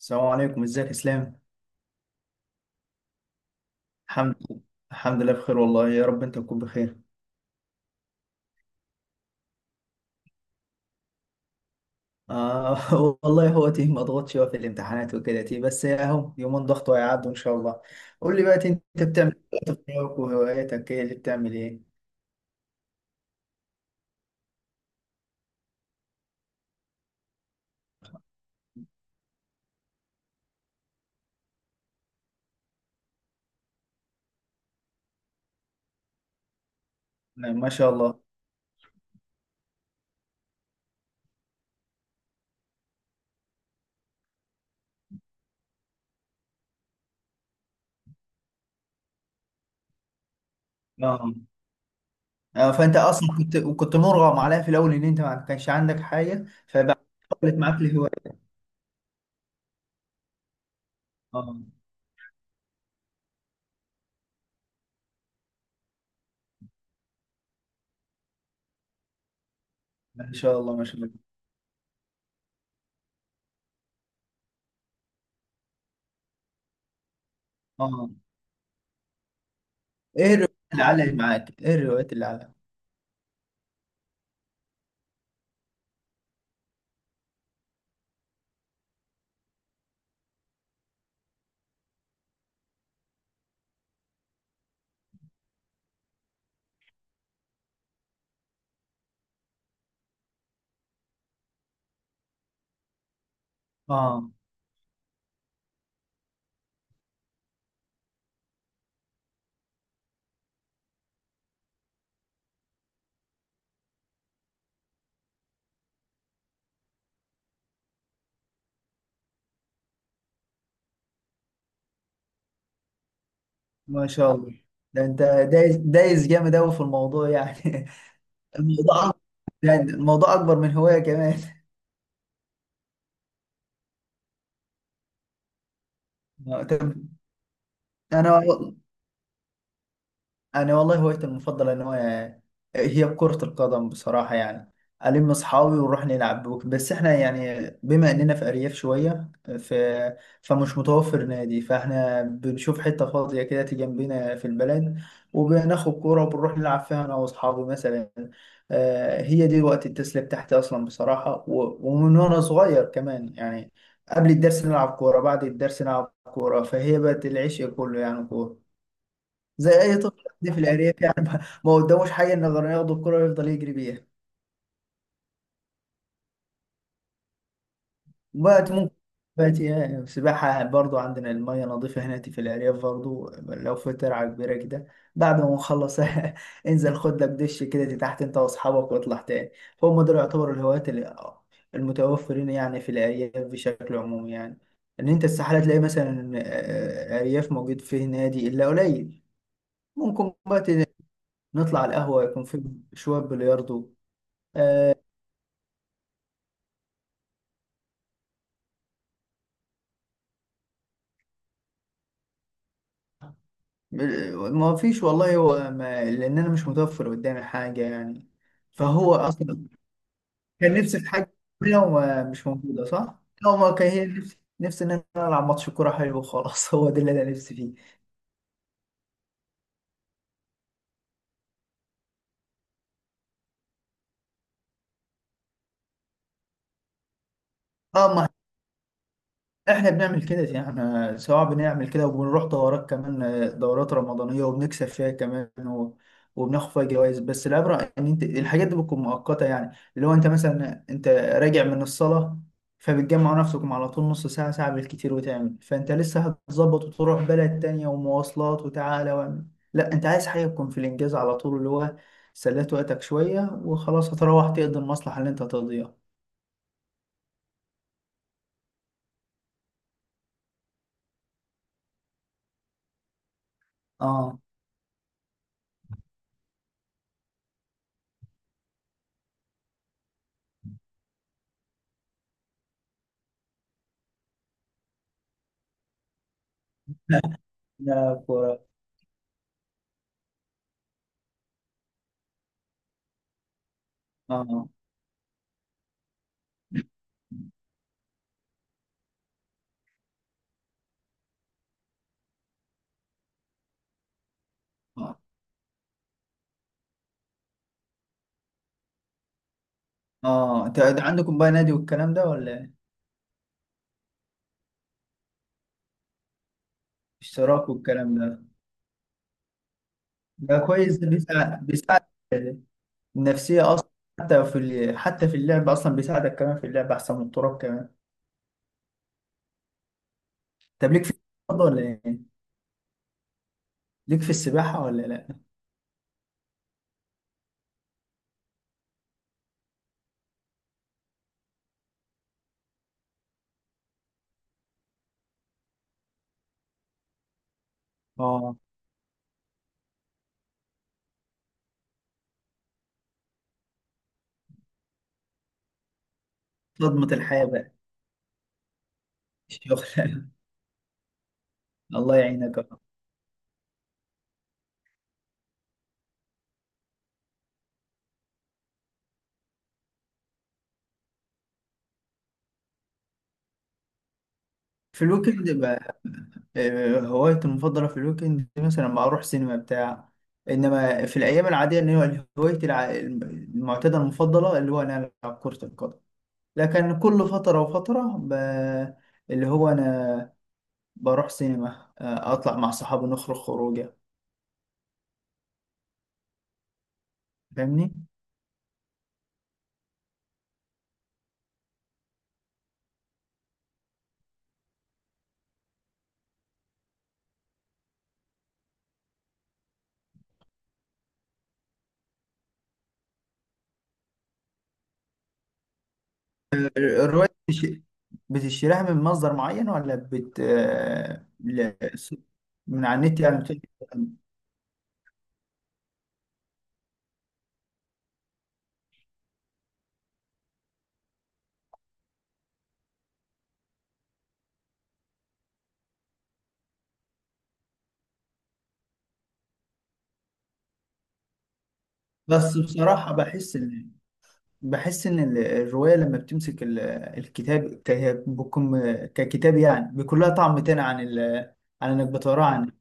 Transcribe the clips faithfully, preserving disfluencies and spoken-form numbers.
السلام عليكم، ازيك يا اسلام؟ الحمد لله. الحمد لله بخير، والله يا رب انت تكون بخير. آه، والله هو تيه ما ضغطش، هو في الامتحانات وكده تيه، بس اهو يومين ضغط وهيعدوا ان شاء الله. قول لي بقى، انت بتعمل ايه في وقتك؟ وهواياتك ايه اللي بتعمل ايه؟ نعم، ما شاء الله. آه. آه، فانت اصلا كنت كنت مرغم عليها في الاول، ان انت ما كانش عندك حاجه فبقت معاك الهوايه. اه، ما شاء الله ما شاء الله. اه، ايه الروايات اللي علقت معاك؟ ايه الروايات اللي علقت؟ اه، ما شاء الله. ده انت دايس دايس جامد قوي في الموضوع يعني. الموضوع أك- يعني الموضوع اكبر من هواية كمان. آه، طب انا انا والله هوايتي المفضله ان هو هي كره القدم بصراحه يعني. الم اصحابي ونروح نلعب، بس احنا يعني بما اننا في ارياف شويه، ف... فمش متوفر نادي، فاحنا بنشوف حته فاضيه كده تيجي جنبنا في البلد، وبناخد كوره وبنروح نلعب فيها انا واصحابي مثلا. آه، هي دي وقت التسليه بتاعتي اصلا بصراحه، و... ومن وانا صغير كمان يعني. قبل الدرس نلعب كوره، بعد الدرس نلعب كوره، فهي بقت العشق كله يعني كوره. زي اي طفل عندي في العريف يعني. ما ما قداموش حاجه إنه غير ياخد الكره ويفضل يجري بيها. وقت ممكن، وقت يعني سباحه برضو، عندنا الميه نظيفه هنا في العريف برضو، لو في ترعه كبيره كده، بعد ما نخلص انزل خد لك دش كده تحت انت واصحابك واطلع تاني. فهم دول يعتبروا الهوايات ال- المتوفرين يعني في الارياف بشكل عمومي يعني. ان انت استحاله تلاقي مثلا آه، آه، ارياف موجود فيه نادي الا قليل. ممكن بقى نطلع القهوه يكون في شويه بلياردو. آه، ما فيش والله، هو ما لان انا مش متوفر قدامي حاجه يعني. فهو اصلا كان نفسي في حاجه، لو مش موجوده، صح؟ لو ما كان، هي نفسي، نفسي ان انا العب ماتش كوره حلو وخلاص. هو ده اللي انا نفسي فيه. اه، ما احنا بنعمل كده يعني، احنا سواء بنعمل كده وبنروح دورات كمان، آه، دورات رمضانية وبنكسب فيها كمان، و... وبناخد فيها جوائز. بس العبرة ان انت الحاجات دي بتكون مؤقتة، يعني اللي هو انت مثلا انت راجع من الصلاة، فبتجمع نفسكم على طول نص ساعة ساعة بالكتير وتعمل، فانت لسه هتظبط وتروح بلد تانية ومواصلات وتعالى واعمل. لا، انت عايز حاجة تكون في الانجاز على طول، اللي هو سليت وقتك شوية وخلاص هتروح تقضي المصلحة اللي انت هتقضيها. اه، نلعب كورة. اه. آه. اه، انت أنت عندكم بقى نادي والكلام ده ولا إيه؟ اشتراك والكلام ده؟ ده كويس، ده بيساعد بيساعد النفسية اصلا. حتى في ال... حتى في اللعب اصلا بيساعدك، كمان في اللعب احسن من التراب كمان. طب ليك في الرياضة ولا ايه؟ ليك في السباحة ولا لا؟ اه، صدمة الحياة بقى، الشغل. الله يعينك يا رب. في الويكند بقى. آه، هوايتي المفضلة في الويكند مثلا ما اروح سينما بتاع. انما في الايام العادية ان هو هوايتي الع- المعتادة المفضلة اللي هو انا العب كرة القدم. لكن كل فترة وفترة ب... اللي هو أنا بروح سينما، آه، أطلع مع صحابي نخرج خروجة. فاهمني؟ الرواية بتش... بتشتريها من مصدر معين ولا بت آه، ل... من على النت يعني بت- بس بصراحة بحس إن بحس إن ال- الرواية لما بتمسك ال- الكتاب ك... بكم... ككتاب يعني بيكون لها طعم تاني عن ال... عن إنك بتقراه، عن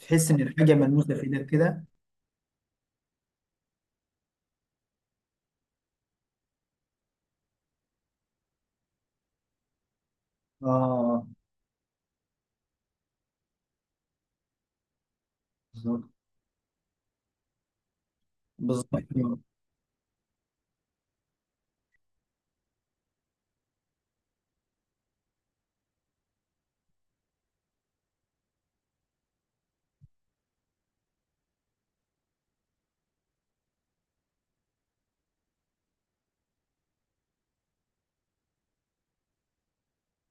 تحس إن الحاجة ملموسة في إيدك كده. آه، بالظبط. بالظبط.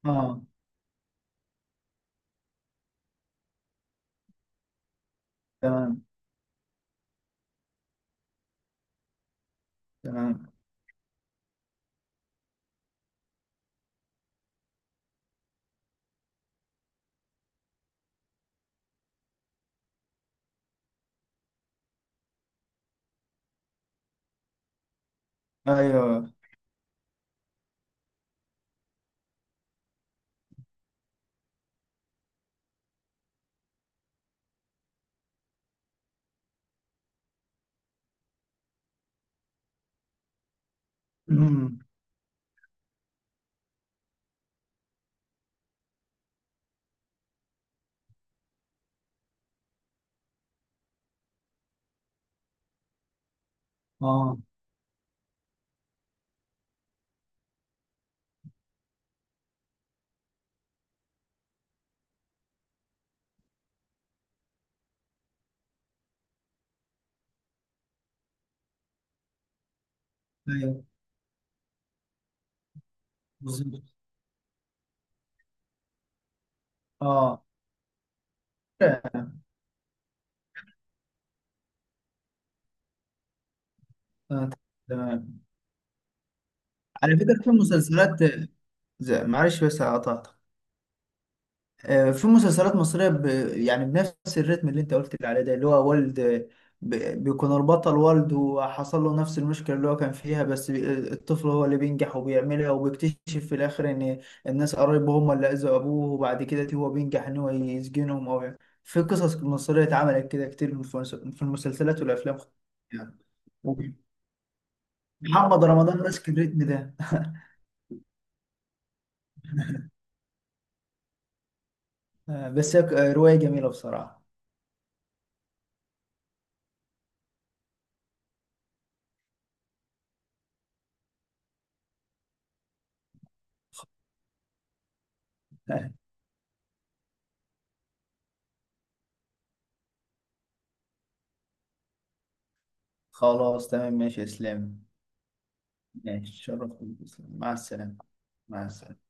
اه، تمام. تمام. ايوه. أمم. اه. ايوه. بالظبط. اه. آه، تمام. على فكرة في مسلسلات زي- معلش بس قطعتك. آه، في مسلسلات مصرية، ب... يعني بنفس الريتم اللي انت قلت لي عليه ده، اللي هو والد، ب... بيكون البطل والد وحصل له نفس المشكلة اللي هو كان فيها، بس بي... الطفل هو اللي بينجح وبيعملها وبيكتشف في الآخر إن الناس قرايبه هم اللي أذوا أبوه، وبعد كده هو بينجح إن هو يسجنهم أو يعني. في قصص مصرية اتعملت كده كتير في المس- في المسلسلات والأفلام يعني. محمد رمضان ماسك الريتم ده. آه، بس هي ك- آه، رواية جميلة بصراحة. خلاص تمام، ماشي يا اسلام. ماشي شرف. مع السلامة. مع السلامة.